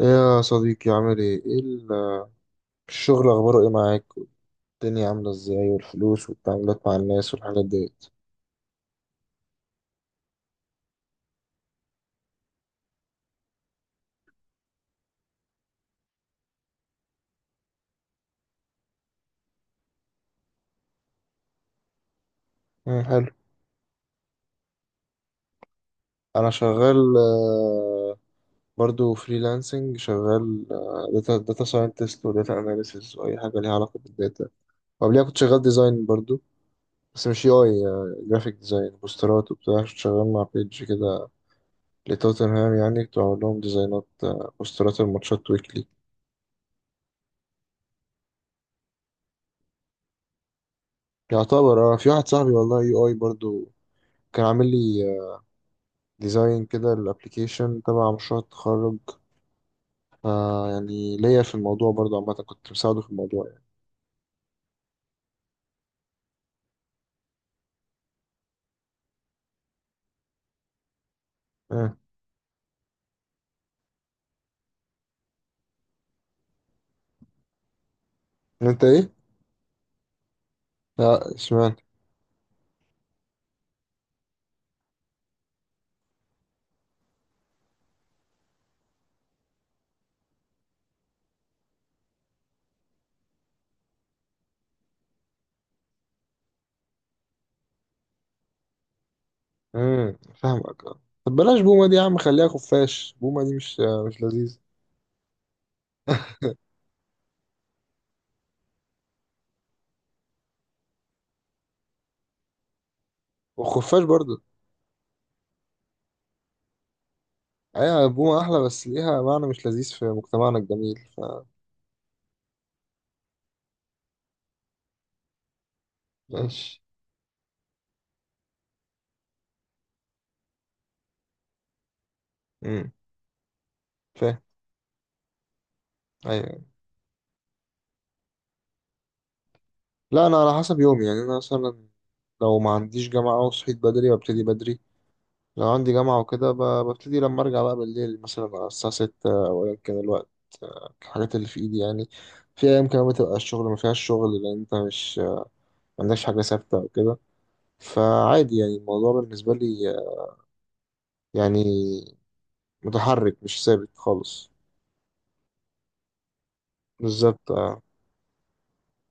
إيه يا صديقي عامل ايه؟ ايه الشغل اخباره ايه معاك؟ الدنيا عاملة ازاي والفلوس والتعاملات مع الناس والحاجات ديت. مم، حلو. انا شغال، برضو فريلانسنج شغال. داتا ساينتست وداتا اناليسيس واي حاجة ليها علاقة بالداتا، وقبليها كنت شغال ديزاين برضو، بس مش يو اي، جرافيك ديزاين بوسترات وبتاع، كنت شغال مع بيج كده لتوتنهام. يعني كنت بعمل لهم ديزاينات، بوسترات الماتشات ويكلي. يعتبر اه، في واحد صاحبي والله يو اي برضو، كان عامل لي ديزاين كده الابليكيشن تبع مشروع التخرج. آه، يعني ليا في الموضوع برضه، عامة كنت مساعده في الموضوع يعني. مم. انت ايه؟ لا، اشمعنى؟ امم، فاهمك اه. طب بلاش بومة دي يا عم، خليها خفاش، بومة دي مش مش لذيذ. والخفاش برضه. ايوه، بومة احلى، بس ليها معنى مش لذيذ في مجتمعنا الجميل، ف ماشي. امم. فاهم. ايوه. لا انا على حسب يومي، يعني انا مثلا لو ما عنديش جامعة وصحيت بدري وابتدي بدري، لو عندي جامعة وكده ببتدي لما أرجع بقى بالليل مثلا على الساعة ستة أو أيا كان الوقت، الحاجات اللي في إيدي يعني. في أيام كمان بتبقى الشغل ما فيهاش شغل، لأن أنت مش ما عندكش حاجة ثابتة أو كده، فعادي يعني الموضوع بالنسبة لي يعني متحرك مش ثابت خالص. بالظبط اه.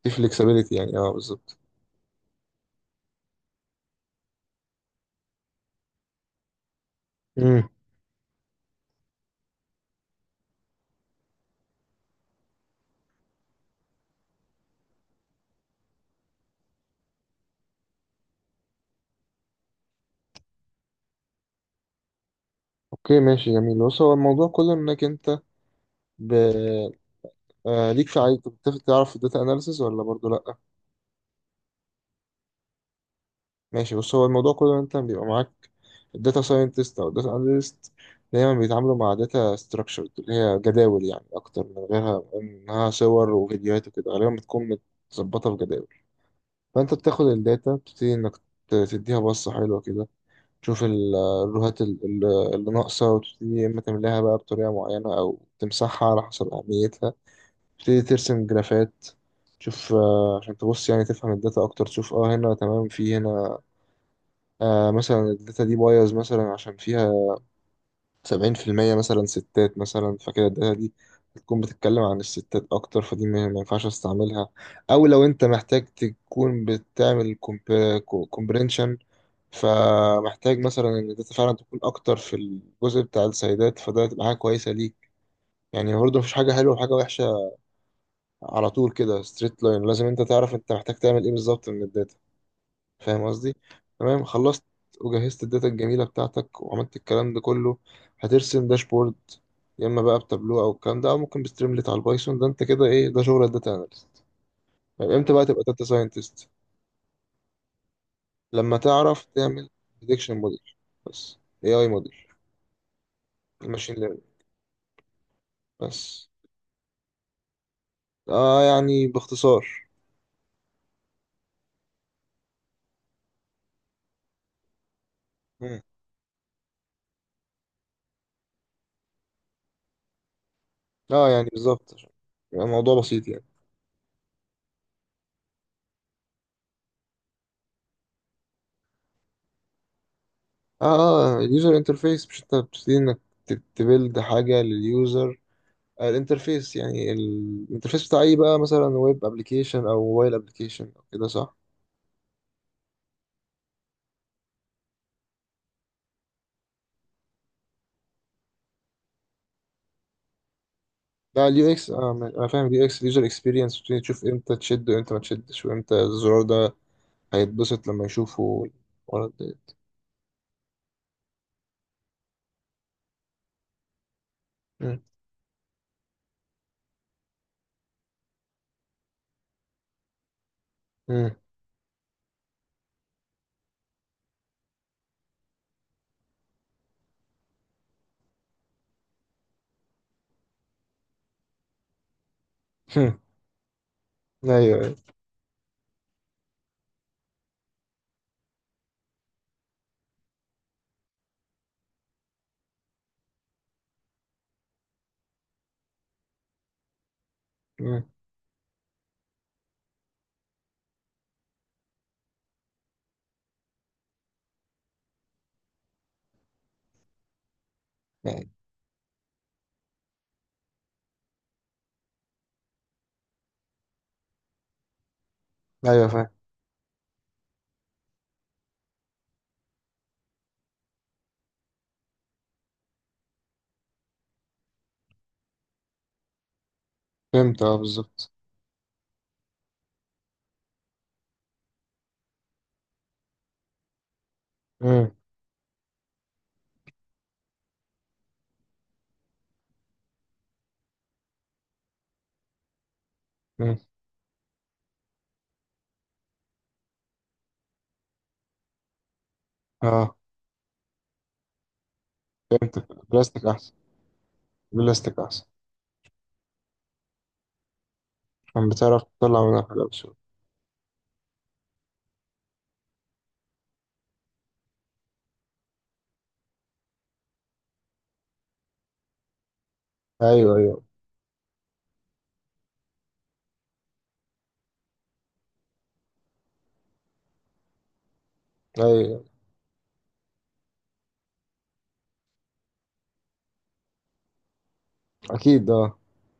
في flexibility يعني، اه بالظبط. امم. اوكي ماشي جميل، بص هو الموضوع كله انك انت ب... آه، ليك في، عايز تعرف الداتا اناليسز ولا برضو لا؟ ماشي، بص هو الموضوع كله إن انت بيبقى معاك الداتا ساينتست او الداتا اناليست، دايما بيتعاملوا مع داتا ستراكشرد اللي هي جداول يعني، اكتر من غيرها انها صور وفيديوهات وكده، غالبا بتكون متظبطه في جداول. فانت بتاخد الداتا، بتبتدي انك تديها بصه حلوه كده، تشوف الروهات اللي ناقصه، وتبتدي يا اما تملاها بقى بطريقه معينه او تمسحها على حسب اهميتها. تبتدي ترسم جرافات، تشوف، آه، عشان تبص يعني تفهم الداتا اكتر، تشوف اه هنا تمام، في هنا آه، مثلا الداتا دي بايظ مثلا عشان فيها 70% مثلا ستات مثلا، فكده الداتا دي هتكون بتتكلم عن الستات أكتر، فدي ما ينفعش استعملها. أو لو أنت محتاج تكون بتعمل كومبرينشن، فمحتاج مثلا إن الداتا فعلا تكون أكتر في الجزء بتاع السيدات، فده هتبقى حاجة كويسة ليك. يعني برضه مفيش حاجة حلوة وحاجة وحشة على طول كده ستريت لاين، لازم أنت تعرف أنت محتاج تعمل إيه بالظبط من الداتا. فاهم قصدي؟ تمام، خلصت وجهزت الداتا الجميلة بتاعتك وعملت الكلام ده كله، هترسم داشبورد يا اما بقى بتابلو او الكلام ده، او ممكن بستريملت على البايثون. ده انت كده، ايه ده؟ شغل الداتا اناليست. طيب امتى بقى تبقى داتا ساينتست؟ لما تعرف تعمل بريدكشن موديل، بس، اي موديل الماشين ليرنينج، بس. اه يعني باختصار. مم. اه يعني بالظبط، عشان يبقى الموضوع بسيط يعني. اه. اه، اليوزر انترفيس، مش انت بتبتدي انك تبيلد حاجة لليوزر، الانترفيس، يعني الانترفيس بتاع ايه بقى، مثلا ويب ابلكيشن او موبايل ابلكيشن او كده، صح؟ لا، اليو اكس انا فاهم، اليو اكس اليوزر اكسبيرينس، تشوف امتى تشد وامتى ما تشدش، وامتى الزرار ده هيتبسط لما يشوفه الولد ده. مم. مم. مم. ايوه، ايوه. مم. يعني-. ايوه فاهم. فهمت، اه بالظبط. مم. مم. اه. بلاستيك احسن، بلاستيك احسن. عشان بتعرف تطلع منها حاجه بسهوله. ايوه، ايوه، ايوه. اكيد اه،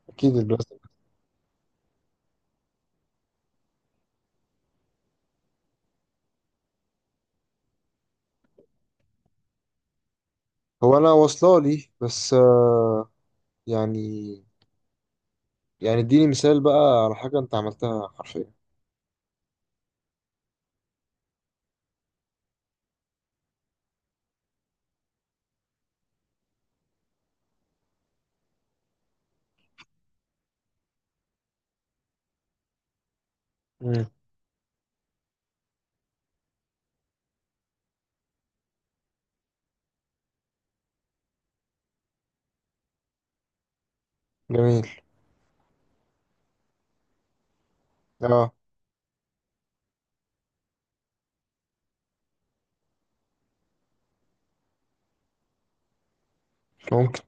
اكيد البلاستيك. هو انا واصله لي، بس آه، يعني، يعني اديني مثال بقى على حاجه انت عملتها حرفيا. مم. جميل. اه. ممكن.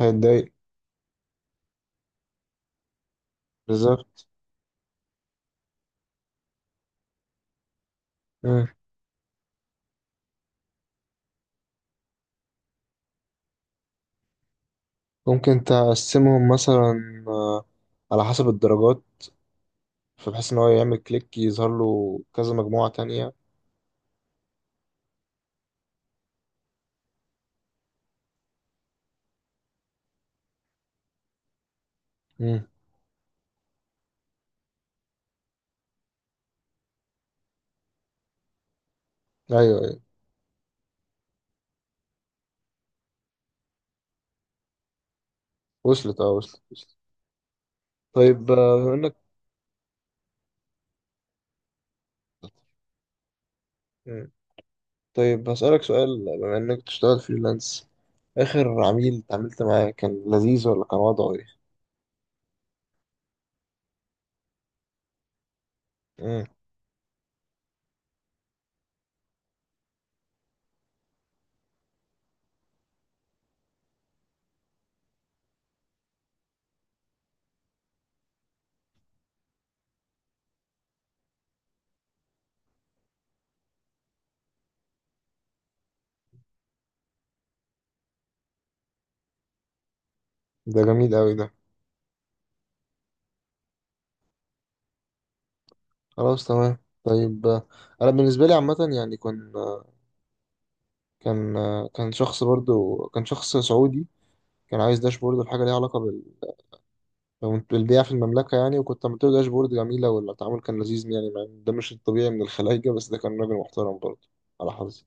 هيتضايق. بالظبط. مم. ممكن تقسمهم مثلا على حسب الدرجات، فبحيث ان هو يعمل كليك يظهر له كذا مجموعه تانية. مم. ايوه، ايوه. وصلت اه، وصلت وصلت. طيب، آه، بما انك. مم. طيب هسألك سؤال، بما انك بتشتغل فريلانس، اخر عميل اتعاملت معاه كان لذيذ ولا كان وضعه ايه؟ ده جميل قوي ده. خلاص، تمام. طيب، انا بالنسبه لي عامه يعني، كان آه، كان شخص برضو، كان شخص سعودي، كان عايز داشبورد وحاجه ليها علاقه بالبيع في المملكه يعني، وكنت عملت له داشبورد جميله، والتعامل كان لذيذ يعني، مع إن ده مش الطبيعي من الخلايجه، بس ده كان راجل محترم برضو، على حظي.